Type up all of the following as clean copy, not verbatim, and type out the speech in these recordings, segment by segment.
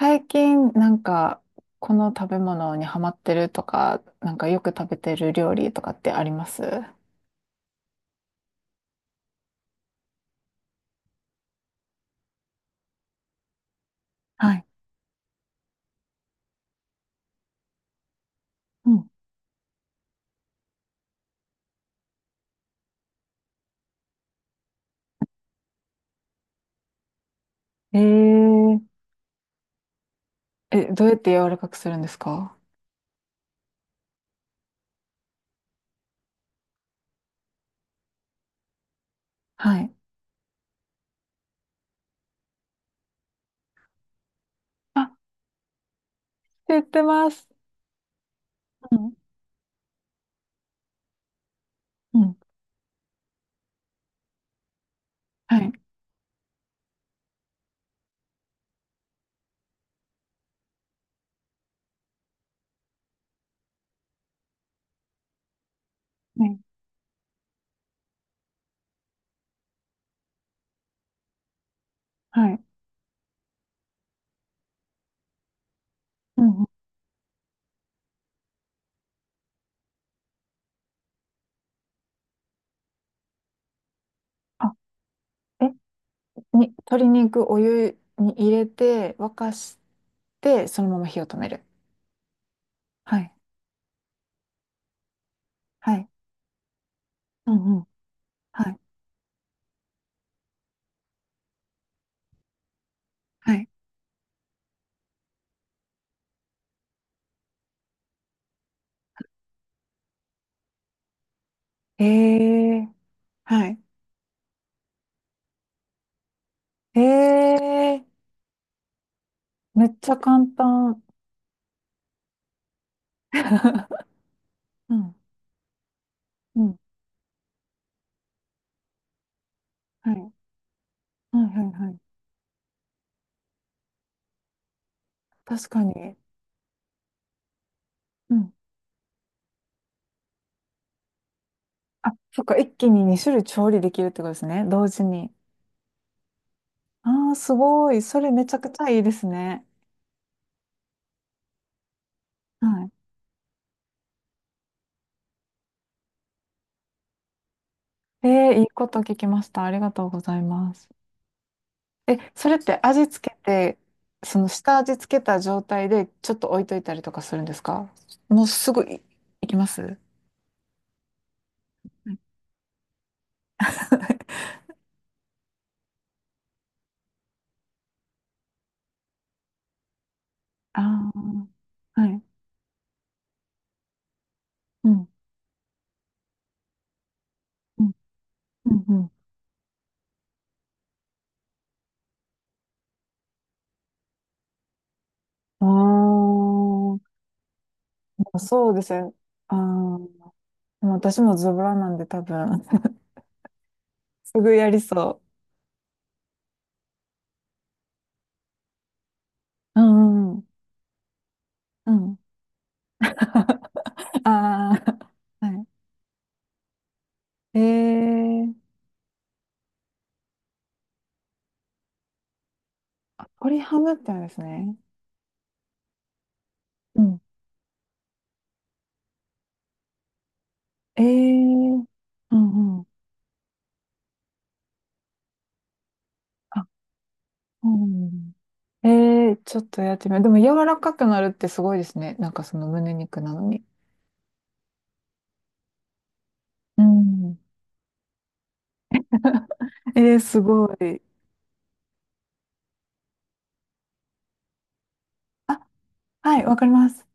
最近、なんか、この食べ物にハマってるとか、なんかよく食べてる料理とかってあります？はい。うん。えー、え、どうやって柔らかくするんですか？はい。あ、知ってます。うんうん。はい。はいはい。うんうん。あ、え、鶏肉お湯に入れて、沸かして、そのまま火を止める。はい。はい。うんうん。はい。はい。えー、はい。えーめっちゃ簡単。うん、うん、はい、はい、はい、はい。確かに。うん。あ、そっか、一気に2種類調理できるってことですね、同時に。ああ、すごい。それめちゃくちゃいいですね。はい。えー、いいこと聞きました。ありがとうございます。え、それって味付けて、その下味付けた状態でちょっと置いといたりとかするんですか？もうすぐい、いきます ああー、はい。うん、うん、うん、うん。ああ、そうですね。ああ、でも私もズボラなんで多分、すぐやりそう。うんうん。うん。ああ、はい。えー、鶏ハムってあるんですね。うん。えー、うんうん。あ、うん。えー、ちょっとやってみよう。でも柔らかくなるってすごいですね。なんかその胸肉なのに。うん。えー、すごい。あ、はい、わかります。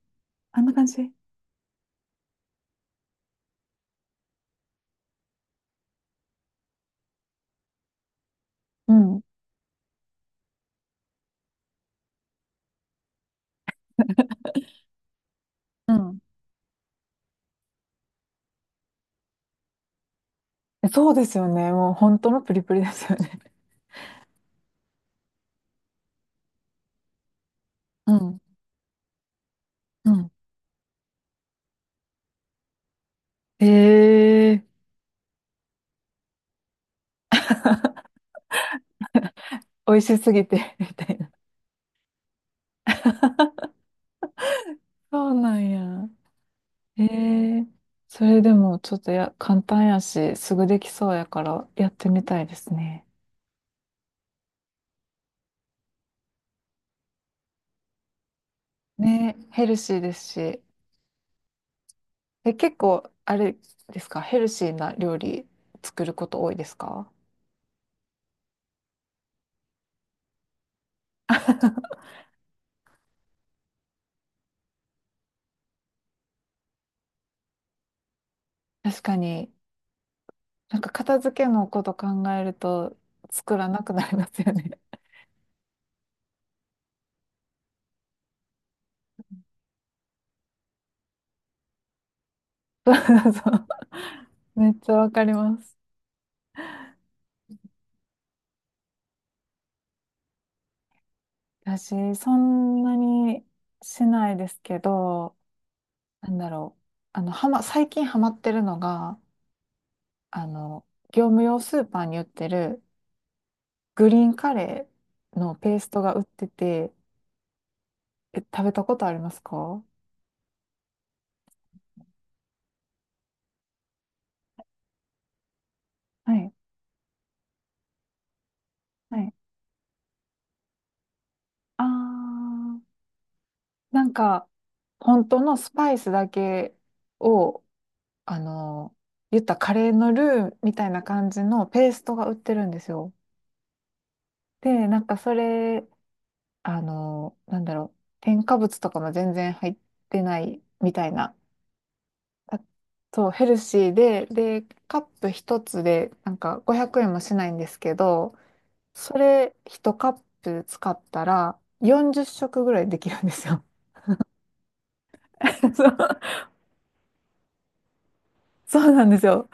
あんな感じ。うん。うんそうですよね。もう本当のプリプリですよね。うん。うん。ええ美味しすぎて みたいな。そうなんや。ええそれでもちょっと簡単やし、すぐできそうやからやってみたいですね。ね、ヘルシーですし。え、結構、あれですか、ヘルシーな料理作ること多いですか？ 確かに、なんか片付けのこと考えると作らなくなりますよね。そう。めっちゃわかります。私、そんなにしないですけど、なんだろう。あの、最近ハマってるのが、あの、業務用スーパーに売ってるグリーンカレーのペーストが売ってて、え、食べたことありますか？はい。はい。あー、なんか、本当のスパイスだけを、あの、言ったカレーのルーみたいな感じのペーストが売ってるんですよ。で、なんかそれあの、なんだろう、添加物とかも全然入ってないみたいな。あそう、ヘルシーで、カップ一つで、なんか500円もしないんですけど、それ一カップ使ったら40食ぐらいできるんですよ。そう、そうなんですよ。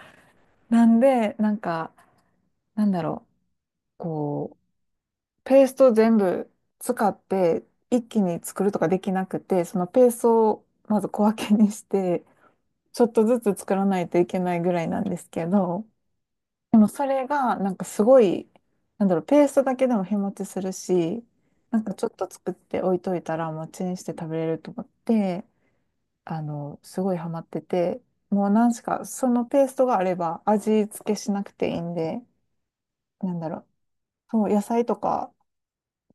なんで、なんか、なんだろう、こう、ペースト全部使って、一気に作るとかできなくて、そのペーストをまず小分けにして、ちょっとずつ作らないといけないぐらいなんですけど、でもそれがなんかすごい、なんだろう、ペーストだけでも日持ちするし、なんかちょっと作って置いといたらもうチンして食べれると思って、あの、すごいハマってて、もう何しか、そのペーストがあれば味付けしなくていいんで、なんだろう、そう、野菜とか、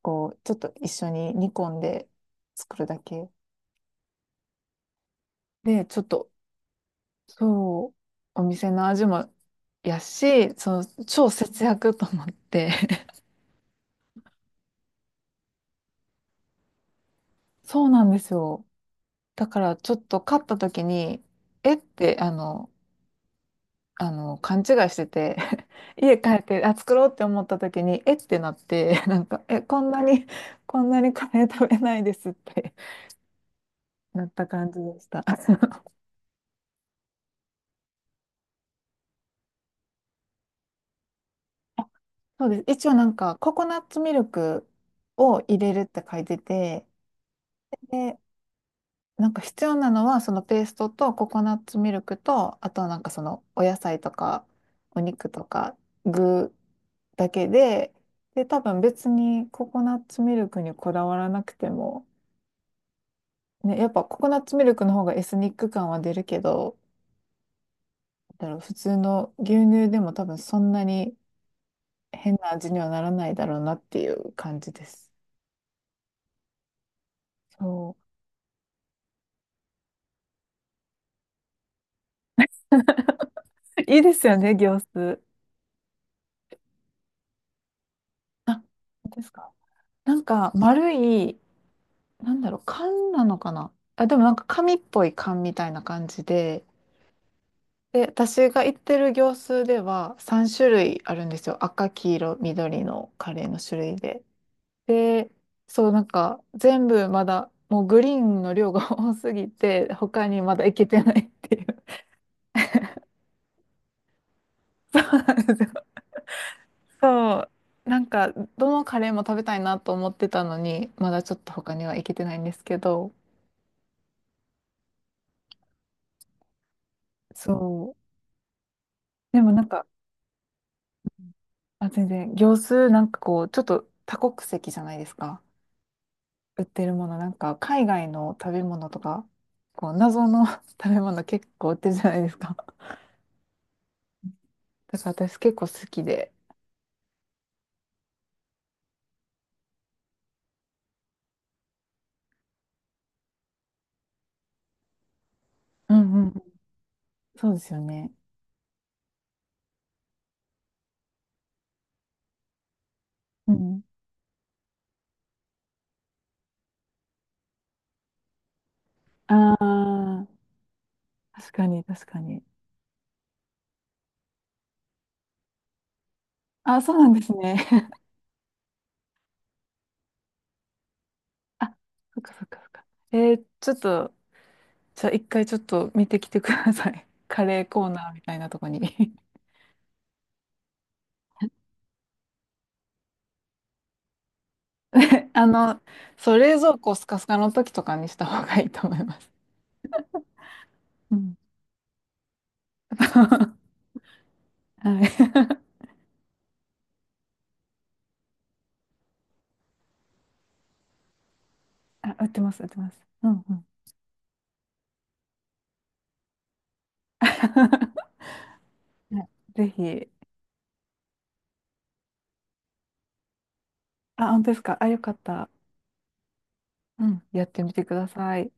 こう、ちょっと一緒に煮込んで作るだけで、ちょっとそう、お店の味もやし、その超節約と思って そうなんですよ。だからちょっと買った時に、えって、あの、勘違いしてて 家帰って、あ、作ろうって思った時に、えってなって、なんか、え、こんなにカレー食べないですって なった感じでした。そうです。一応なんか、ココナッツミルクを入れるって書いてて、で、なんか必要なのはそのペーストとココナッツミルクとあとはなんかそのお野菜とかお肉とか具だけで、で多分別にココナッツミルクにこだわらなくても、ね、やっぱココナッツミルクの方がエスニック感は出るけど、だろう普通の牛乳でも多分そんなに変な味にはならないだろうなっていう感じです。そう。いいですよね、行数。あ、本当ですか。なんか丸いなんだろう、缶なのかなあ、でもなんか紙っぽい缶みたいな感じで、で、私が行ってる業数では3種類あるんですよ。赤、黄色、緑のカレーの種類で。で、そう、なんか全部まだ、もうグリーンの量が 多すぎて、他にまだ行けてないっていう。そうなんですよ。そう。なんか、どのカレーも食べたいなと思ってたのに、まだちょっと他には行けてないんですけど、そう。でもなんか、あ、全然、業数なんかこう、ちょっと多国籍じゃないですか。売ってるもの、なんか海外の食べ物とか、こう、謎の 食べ物結構売ってるじゃないですか。だから私結構好きで。うんうん。そうですよね。うん。ああ、確かに確かに。あ、そうなんですね。あ、そっかそっかそっか。ちょっと、じゃあ一回ちょっと見てきてください。カレーコーナーみたいなとこに あの、そう、冷蔵庫スカスカの時とかにした方がいいと思います。うん。はい。あ、売ってます、売ってます。うんうん。はいぜひ。あ、本当ですか。あ、よかった。うん。やってみてください。